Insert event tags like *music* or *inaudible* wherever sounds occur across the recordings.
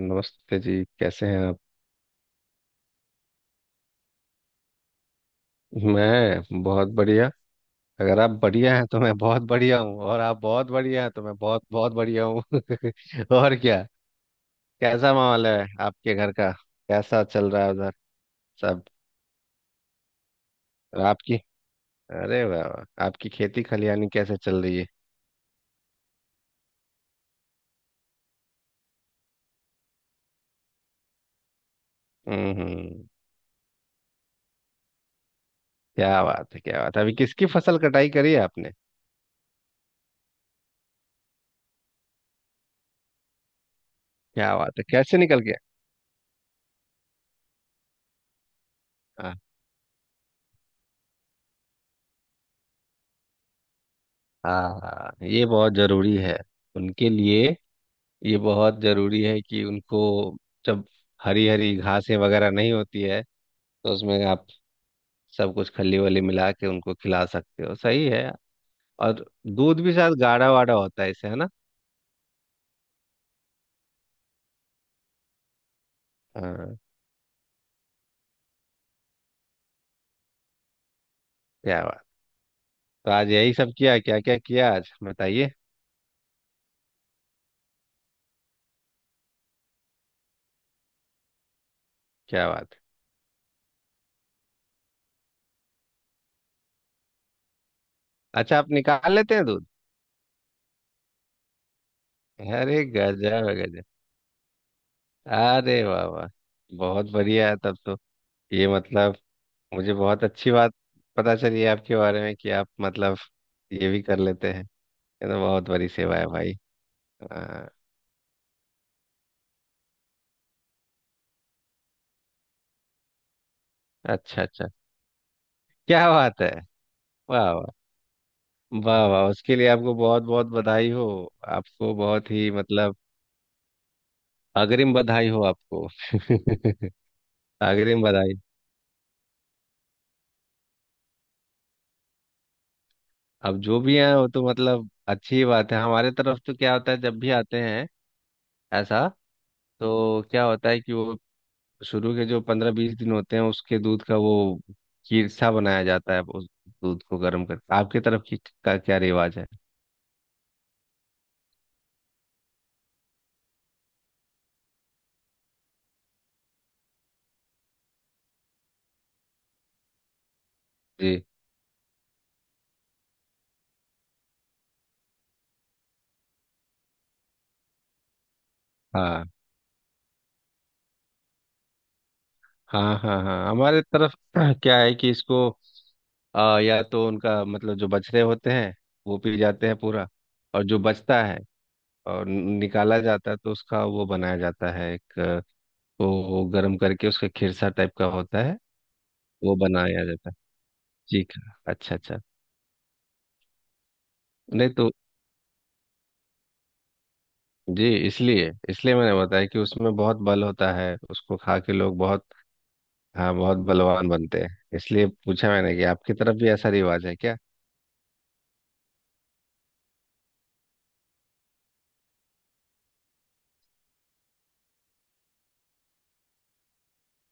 नमस्ते जी। कैसे हैं आप? मैं बहुत बढ़िया। अगर आप बढ़िया हैं तो मैं बहुत बढ़िया हूँ, और आप बहुत बढ़िया हैं तो मैं बहुत बहुत बढ़िया हूँ। *laughs* और क्या। कैसा माहौल है आपके घर का? कैसा चल रहा है उधर, सब? और आपकी, अरे वाह वाह, आपकी खेती खलियानी कैसे चल रही है? हम्म। क्या बात है, क्या बात है। अभी किसकी फसल कटाई करी है आपने? क्या बात है, कैसे निकल गया? हाँ। हाँ हाँ, ये बहुत जरूरी है उनके लिए। ये बहुत जरूरी है कि उनको, जब हरी हरी घासें वगैरह नहीं होती है, तो उसमें आप सब कुछ खली वली मिला के उनको खिला सकते हो। सही है। और दूध भी शायद गाढ़ा वाढ़ा होता है इससे, है ना? हाँ। क्या बात। तो आज यही सब किया, क्या क्या किया आज बताइए। क्या बात है। अच्छा, आप निकाल लेते हैं दूध? अरे गजब है, गजब। अरे वाह वाह। बहुत बढ़िया है तब तो। ये मतलब मुझे बहुत अच्छी बात पता चली है आपके बारे में, कि आप मतलब ये भी कर लेते हैं। ये तो बहुत बड़ी सेवा है, भाई। हाँ। अच्छा अच्छा। क्या बात है। वाह वाह। वाह वाह, उसके लिए आपको बहुत बहुत बधाई हो। आपको बहुत ही मतलब अग्रिम बधाई हो आपको। *laughs* अग्रिम बधाई। अब जो भी है वो तो मतलब अच्छी बात है। हमारे तरफ तो क्या होता है, जब भी आते हैं। ऐसा। तो क्या होता है कि वो शुरू के जो 15-20 दिन होते हैं उसके दूध का वो खीरसा बनाया जाता है। उस दूध को गर्म करके। आपके तरफ की का क्या रिवाज है? जी। हाँ हाँ हाँ हाँ, हमारे तरफ *clears throat* क्या है कि इसको या तो उनका मतलब जो बछड़े होते हैं वो पी जाते हैं पूरा। और जो बचता है और निकाला जाता है, तो उसका वो बनाया जाता है एक, वो गर्म करके उसका खिरसा टाइप का होता है। वो बनाया जाता है। ठीक है। अच्छा अच्छा। नहीं तो जी, इसलिए इसलिए मैंने बताया कि उसमें बहुत बल होता है, उसको खा के लोग बहुत। हाँ, बहुत बलवान बनते हैं। इसलिए पूछा मैंने कि आपकी तरफ भी ऐसा रिवाज है क्या।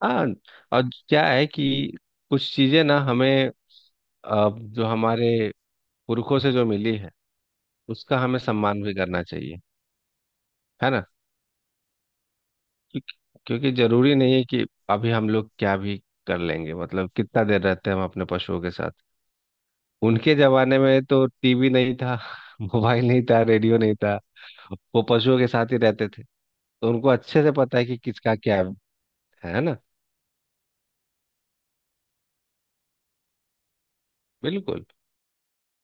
हाँ। और क्या है कि कुछ चीजें ना हमें, अ, जो हमारे पुरखों से जो मिली है, उसका हमें सम्मान भी करना चाहिए। है ना? क्योंकि क्योंकि जरूरी नहीं है कि अभी हम लोग क्या भी कर लेंगे। मतलब कितना देर रहते हैं हम अपने पशुओं के साथ। उनके जमाने में तो टीवी नहीं था, *laughs* मोबाइल नहीं था, रेडियो नहीं था। वो पशुओं के साथ ही रहते थे, तो उनको अच्छे से पता है कि किसका क्या है। है ना? बिल्कुल।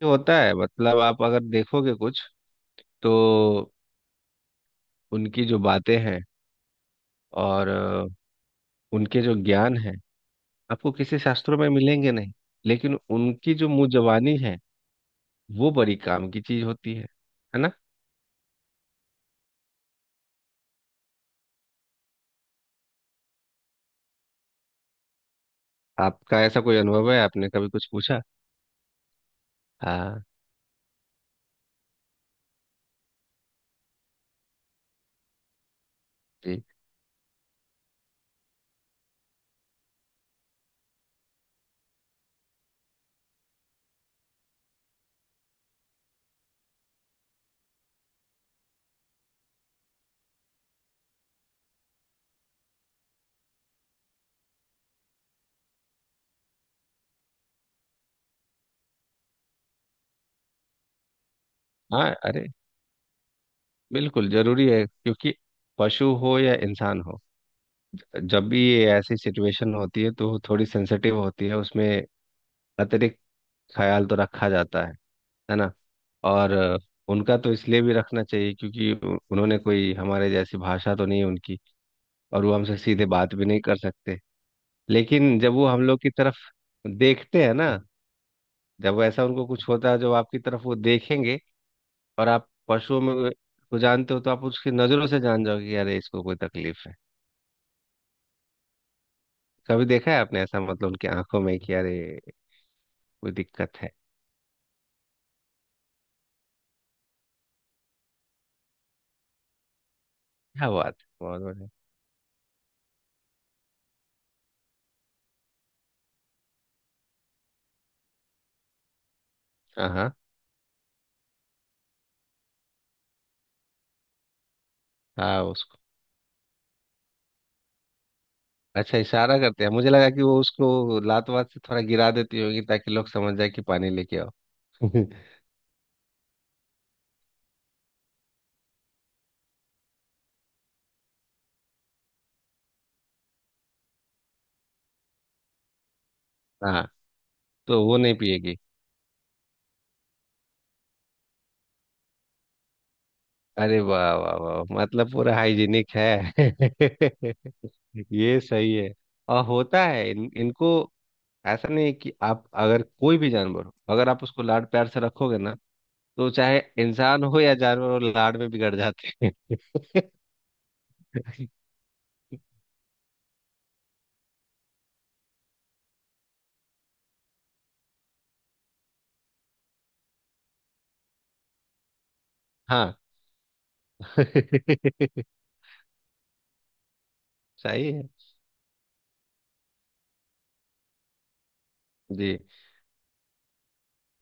ये होता है। मतलब आप अगर देखोगे कुछ, तो उनकी जो बातें हैं और उनके जो ज्ञान है, आपको किसी शास्त्रों में मिलेंगे नहीं, लेकिन उनकी जो मुंजबानी है, वो बड़ी काम की चीज होती है। है ना? आपका ऐसा कोई अनुभव है, आपने कभी कुछ पूछा? हाँ। जी। हाँ। अरे बिल्कुल जरूरी है, क्योंकि पशु हो या इंसान हो, जब भी ये ऐसी सिचुएशन होती है, तो थोड़ी सेंसिटिव होती है उसमें। अतिरिक्त ख्याल तो रखा जाता है। है ना? और उनका तो इसलिए भी रखना चाहिए क्योंकि उन्होंने कोई हमारे जैसी भाषा तो नहीं है उनकी, और वो हमसे सीधे बात भी नहीं कर सकते। लेकिन जब वो हम लोग की तरफ देखते हैं ना, जब ऐसा उनको कुछ होता है, जब आपकी तरफ वो देखेंगे, और आप पशुओं में को जानते हो, तो आप उसकी नजरों से जान जाओगे कि अरे, इसको कोई तकलीफ है। कभी देखा है आपने ऐसा, मतलब उनकी आंखों में कि अरे, कोई दिक्कत है? क्या बात है, बहुत बढ़िया। हाँ हाँ। हाँ, उसको। अच्छा, इशारा करते हैं। मुझे लगा कि वो उसको लात वात से थोड़ा गिरा देती होगी, ताकि लोग समझ जाए कि पानी लेके आओ। *laughs* हाँ, तो वो नहीं पिएगी। अरे वाह वाह वाह, मतलब पूरा हाइजीनिक है। *laughs* ये सही है। और होता है इनको। ऐसा नहीं है कि आप, अगर कोई भी जानवर हो, अगर आप उसको लाड प्यार से रखोगे ना, तो चाहे इंसान हो या जानवर हो, लाड में बिगड़ जाते हैं। *laughs* हाँ। *laughs* सही है। जी।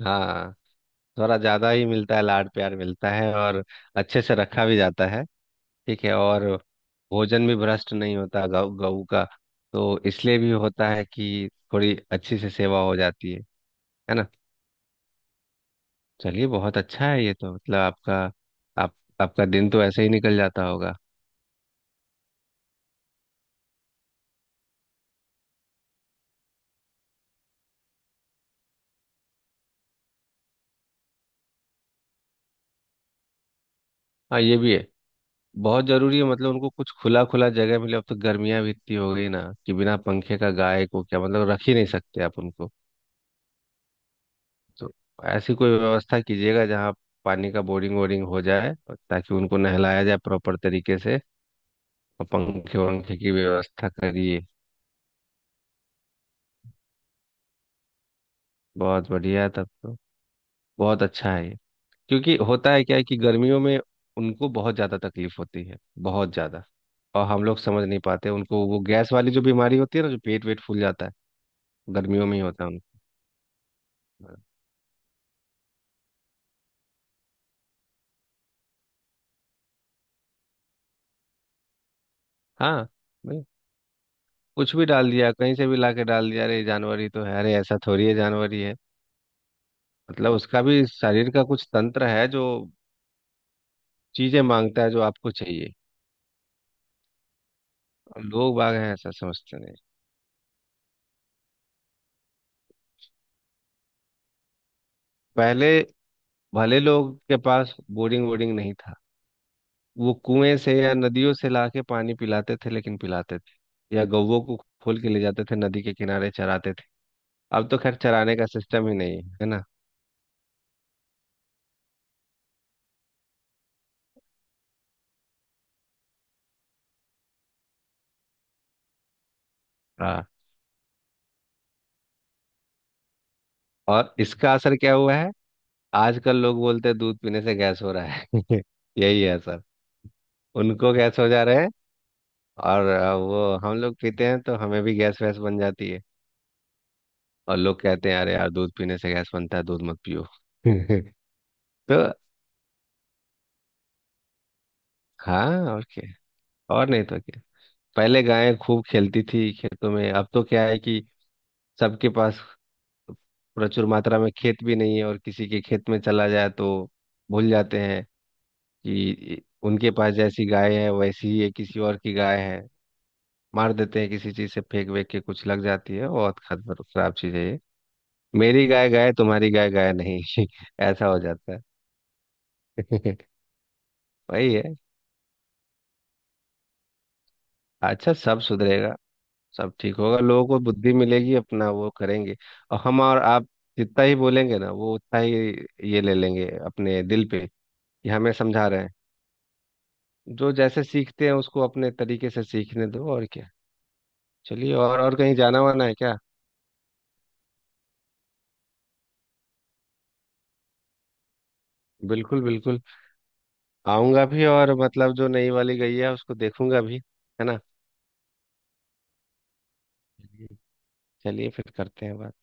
हाँ, थोड़ा ज्यादा ही मिलता है, लाड प्यार मिलता है, और अच्छे से रखा भी जाता है। ठीक है। और भोजन भी भ्रष्ट नहीं होता गौ गऊ का, तो इसलिए भी होता है कि थोड़ी अच्छी से सेवा हो जाती है। है ना? चलिए, बहुत अच्छा है ये तो। मतलब आपका, आप आपका दिन तो ऐसे ही निकल जाता होगा। हाँ, ये भी है। बहुत जरूरी है, मतलब उनको कुछ खुला खुला जगह मिले। अब तो गर्मियां भी इतनी हो गई ना, कि बिना पंखे का गाय को, क्या मतलब, रख ही नहीं सकते आप उनको। तो ऐसी कोई व्यवस्था कीजिएगा जहाँ पानी का बोरिंग वोरिंग हो जाए, और ताकि उनको नहलाया जाए प्रॉपर तरीके से, और पंखे वंखे की व्यवस्था करिए। बहुत बढ़िया है तब तो। बहुत अच्छा है ये। क्योंकि होता है क्या है कि गर्मियों में उनको बहुत ज़्यादा तकलीफ होती है, बहुत ज़्यादा। और हम लोग समझ नहीं पाते। उनको वो गैस वाली जो बीमारी होती है ना, जो पेट वेट फूल जाता है, गर्मियों में ही होता है उनको। हाँ। भाई, कुछ भी डाल दिया, कहीं से भी ला के डाल दिया। अरे, ये जानवर ही तो है। अरे, ऐसा थोड़ी है, जानवर ही है। मतलब उसका भी शरीर का कुछ तंत्र है, जो चीजें मांगता है, जो आपको चाहिए। और लोग बाग हैं ऐसा समझते नहीं। पहले भले लोग के पास बोरिंग वोरिंग नहीं था, वो कुएं से या नदियों से लाके पानी पिलाते थे, लेकिन पिलाते थे। या गौवों को खोल के ले जाते थे, नदी के किनारे चराते थे। अब तो खैर चराने का सिस्टम ही नहीं है, है ना? हाँ। और इसका असर क्या हुआ है, आजकल लोग बोलते हैं दूध पीने से गैस हो रहा है। *laughs* यही है असर। उनको गैस हो जा रहे हैं, और वो हम लोग पीते हैं तो हमें भी गैस वैस बन जाती है। और लोग कहते हैं, अरे यार दूध पीने से गैस बनता है, दूध मत पियो। *laughs* तो। हाँ। और क्या। और नहीं तो क्या। पहले गायें खूब खेलती थी खेतों में। अब तो क्या है कि सबके पास प्रचुर मात्रा में खेत भी नहीं है, और किसी के खेत में चला जाए तो भूल जाते हैं कि उनके पास जैसी गाय है, वैसी ही ये किसी और की गाय है। मार देते हैं किसी चीज से, फेंक वेंक के कुछ लग जाती है। बहुत खतर खराब चीज है ये। मेरी गाय गाय, तुम्हारी गाय गाय नहीं। *laughs* ऐसा हो जाता है। *laughs* वही है। अच्छा, सब सुधरेगा। सब ठीक होगा, लोगों को बुद्धि मिलेगी, अपना वो करेंगे। और हम और आप जितना ही बोलेंगे ना, वो उतना ही ये ले लेंगे अपने दिल पे कि हमें समझा रहे हैं। जो जैसे सीखते हैं, उसको अपने तरीके से सीखने दो, और क्या। चलिए, और कहीं जाना वाना है क्या? बिल्कुल बिल्कुल। आऊंगा भी, और मतलब जो नई वाली गई है उसको देखूंगा भी। है ना? चलिए, फिर करते हैं बात।